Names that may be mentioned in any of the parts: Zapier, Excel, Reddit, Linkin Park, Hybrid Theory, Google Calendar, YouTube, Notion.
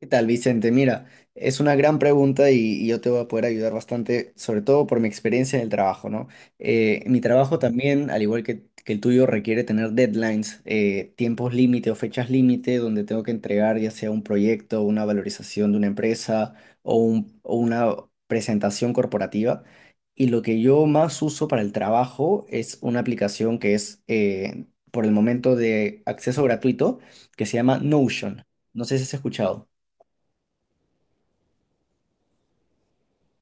¿Qué tal, Vicente? Mira, es una gran pregunta y yo te voy a poder ayudar bastante, sobre todo por mi experiencia en el trabajo, ¿no? Mi trabajo también, al igual que el tuyo, requiere tener deadlines, tiempos límite o fechas límite donde tengo que entregar ya sea un proyecto, una valorización de una empresa o una presentación corporativa. Y lo que yo más uso para el trabajo es una aplicación que es por el momento de acceso gratuito que se llama Notion. No sé si has escuchado.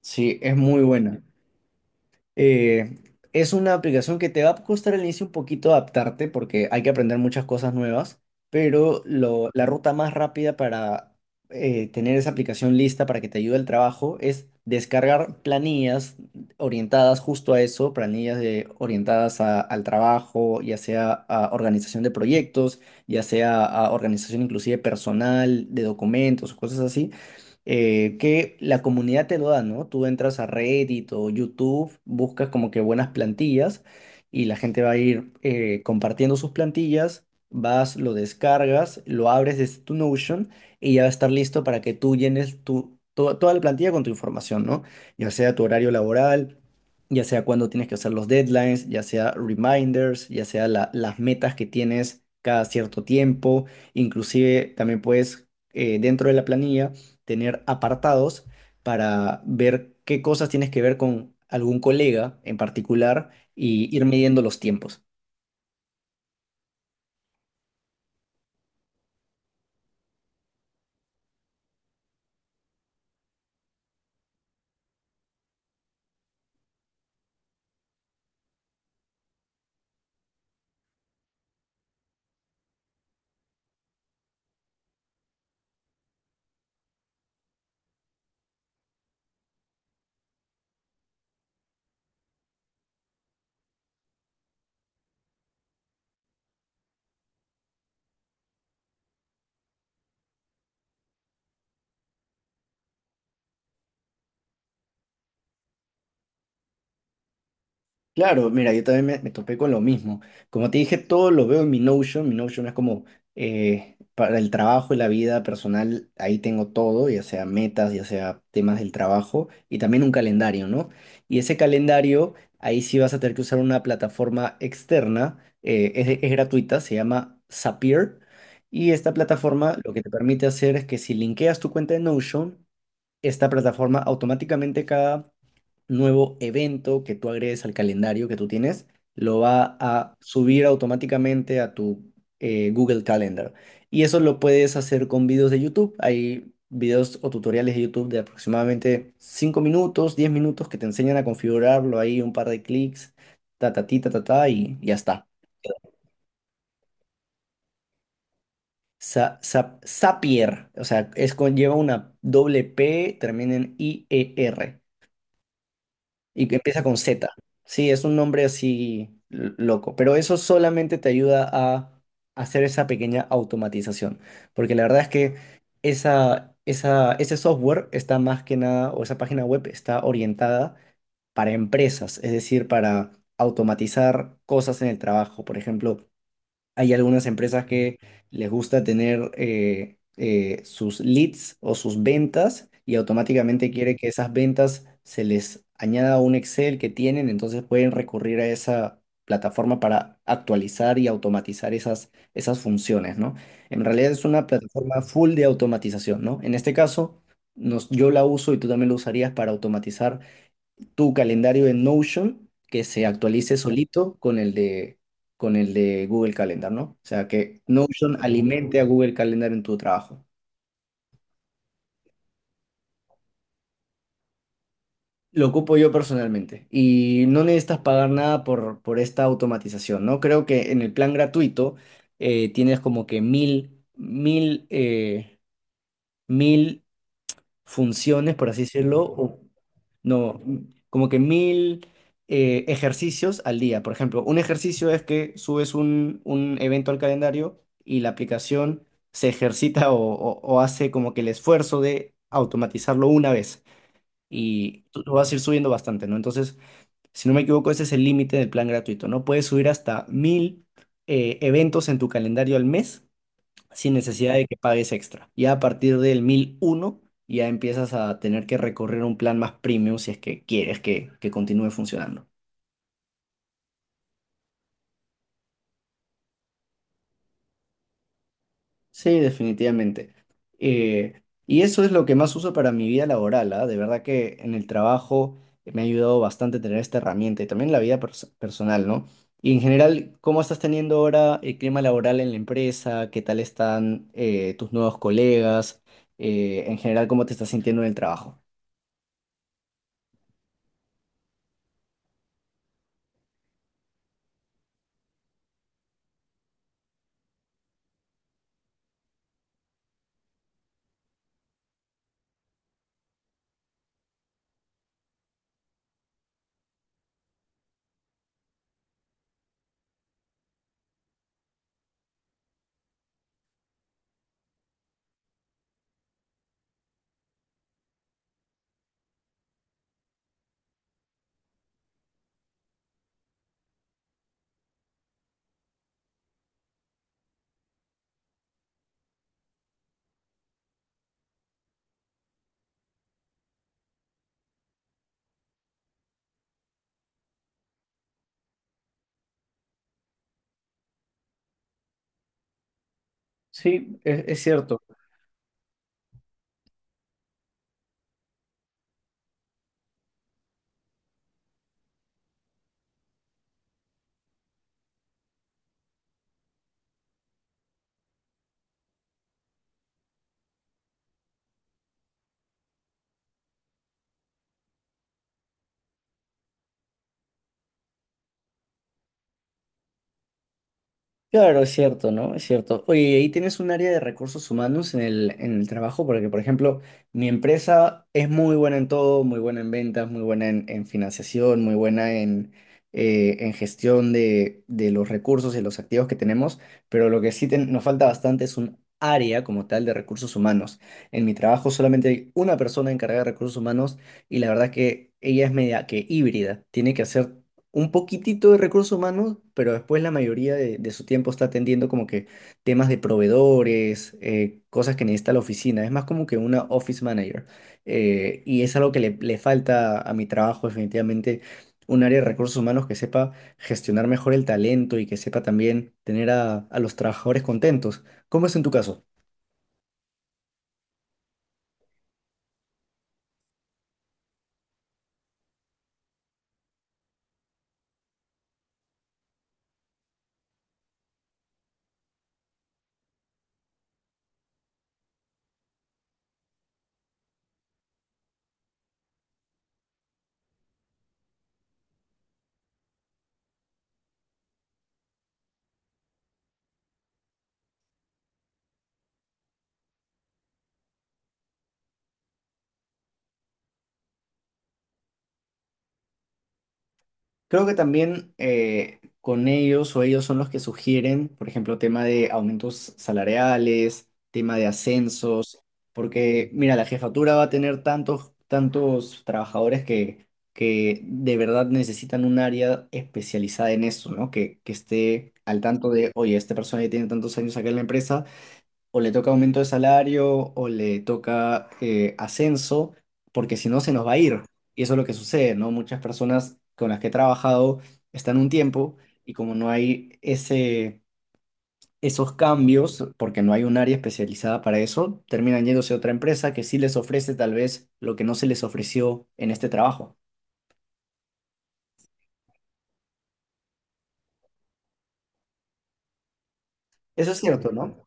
Sí, es muy buena. Eh, es una aplicación que te va a costar al inicio un poquito adaptarte porque hay que aprender muchas cosas nuevas, pero la ruta más rápida para tener esa aplicación lista para que te ayude al trabajo es descargar planillas orientadas justo a eso, orientadas al trabajo, ya sea a organización de proyectos, ya sea a organización inclusive personal, de documentos, cosas así que la comunidad te lo da, ¿no? Tú entras a Reddit o YouTube, buscas como que buenas plantillas y la gente va a ir compartiendo sus plantillas, vas, lo descargas, lo abres desde tu Notion y ya va a estar listo para que tú llenes toda la plantilla con tu información, ¿no? Ya sea tu horario laboral. Ya sea cuando tienes que hacer los deadlines, ya sea reminders, ya sea las metas que tienes cada cierto tiempo, inclusive también puedes dentro de la planilla tener apartados para ver qué cosas tienes que ver con algún colega en particular y ir midiendo los tiempos. Claro, mira, yo también me topé con lo mismo. Como te dije, todo lo veo en mi Notion. Mi Notion es como para el trabajo y la vida personal, ahí tengo todo, ya sea metas, ya sea temas del trabajo y también un calendario, ¿no? Y ese calendario, ahí sí vas a tener que usar una plataforma externa, es gratuita, se llama Zapier. Y esta plataforma lo que te permite hacer es que si linkeas tu cuenta de Notion, esta plataforma automáticamente cada nuevo evento que tú agregues al calendario que tú tienes, lo va a subir automáticamente a tu Google Calendar. Y eso lo puedes hacer con videos de YouTube. Hay videos o tutoriales de YouTube de aproximadamente 5 minutos, 10 minutos que te enseñan a configurarlo ahí, un par de clics, ta ta ti, ta ta ta y ya está. Zapier, o sea, es con, lleva una doble P, termina en I E r, y que empieza con Z. Sí, es un nombre así loco. Pero eso solamente te ayuda a hacer esa pequeña automatización. Porque la verdad es que ese software está más que nada, o esa página web está orientada para empresas, es decir, para automatizar cosas en el trabajo. Por ejemplo, hay algunas empresas que les gusta tener sus leads o sus ventas y automáticamente quiere que esas ventas se les añada a un Excel que tienen, entonces pueden recurrir a esa plataforma para actualizar y automatizar esas funciones, ¿no? En realidad es una plataforma full de automatización, ¿no? En este caso, yo la uso y tú también lo usarías para automatizar tu calendario en Notion que se actualice solito con el de Google Calendar, ¿no? O sea, que Notion alimente a Google Calendar en tu trabajo. Lo ocupo yo personalmente y no necesitas pagar nada por esta automatización, ¿no? Creo que en el plan gratuito tienes como que 1.000 funciones, por así decirlo, o no, como que mil ejercicios al día. Por ejemplo, un ejercicio es que subes un evento al calendario y la aplicación se ejercita o hace como que el esfuerzo de automatizarlo una vez. Y tú vas a ir subiendo bastante, ¿no? Entonces, si no me equivoco, ese es el límite del plan gratuito, ¿no? Puedes subir hasta 1.000 eventos en tu calendario al mes sin necesidad de que pagues extra. Ya a partir del 1.001 ya empiezas a tener que recorrer un plan más premium si es que quieres que continúe funcionando. Sí, definitivamente. Y eso es lo que más uso para mi vida laboral, ¿ah? De verdad que en el trabajo me ha ayudado bastante tener esta herramienta y también en la vida personal, ¿no? Y en general, ¿cómo estás teniendo ahora el clima laboral en la empresa? ¿Qué tal están tus nuevos colegas? En general, ¿cómo te estás sintiendo en el trabajo? Sí, es cierto. Claro, es cierto, ¿no? Es cierto. Oye, ¿y ahí tienes un área de recursos humanos en en el trabajo? Porque, por ejemplo, mi empresa es muy buena en todo, muy buena en ventas, muy buena en financiación, muy buena en gestión de los recursos y los activos que tenemos, pero lo que sí nos falta bastante es un área como tal de recursos humanos. En mi trabajo solamente hay una persona encargada de recursos humanos y la verdad que ella es media que híbrida. Tiene que hacer un poquitito de recursos humanos, pero después la mayoría de su tiempo está atendiendo como que temas de proveedores, cosas que necesita la oficina. Es más como que una office manager. Y es algo que le falta a mi trabajo, definitivamente, un área de recursos humanos que sepa gestionar mejor el talento y que sepa también tener a los trabajadores contentos. ¿Cómo es en tu caso? Creo que también con ellos o ellos son los que sugieren, por ejemplo, tema de aumentos salariales, tema de ascensos, porque mira, la jefatura va a tener tantos trabajadores que de verdad necesitan un área especializada en eso, ¿no? Que esté al tanto de, oye, esta persona ya tiene tantos años acá en la empresa o le toca aumento de salario o le toca ascenso, porque si no se nos va a ir. Y eso es lo que sucede, ¿no? Muchas personas con las que he trabajado están un tiempo y como no hay esos cambios, porque no hay un área especializada para eso, terminan yéndose a otra empresa que sí les ofrece tal vez lo que no se les ofreció en este trabajo. Eso es cierto, ¿no?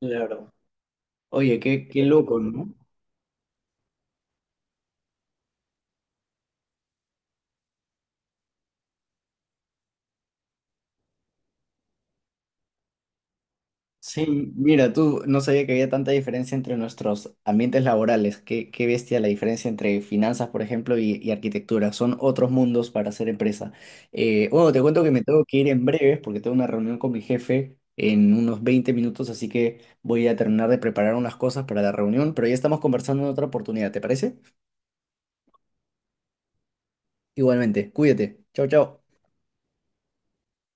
Claro. Oye, qué loco, ¿no? Sí, mira, tú no sabía que había tanta diferencia entre nuestros ambientes laborales. Qué bestia la diferencia entre finanzas, por ejemplo, y arquitectura. Son otros mundos para hacer empresa. Bueno, te cuento que me tengo que ir en breves porque tengo una reunión con mi jefe en unos 20 minutos, así que voy a terminar de preparar unas cosas para la reunión, pero ya estamos conversando en otra oportunidad, ¿te parece? Igualmente, cuídate. Chao, chao.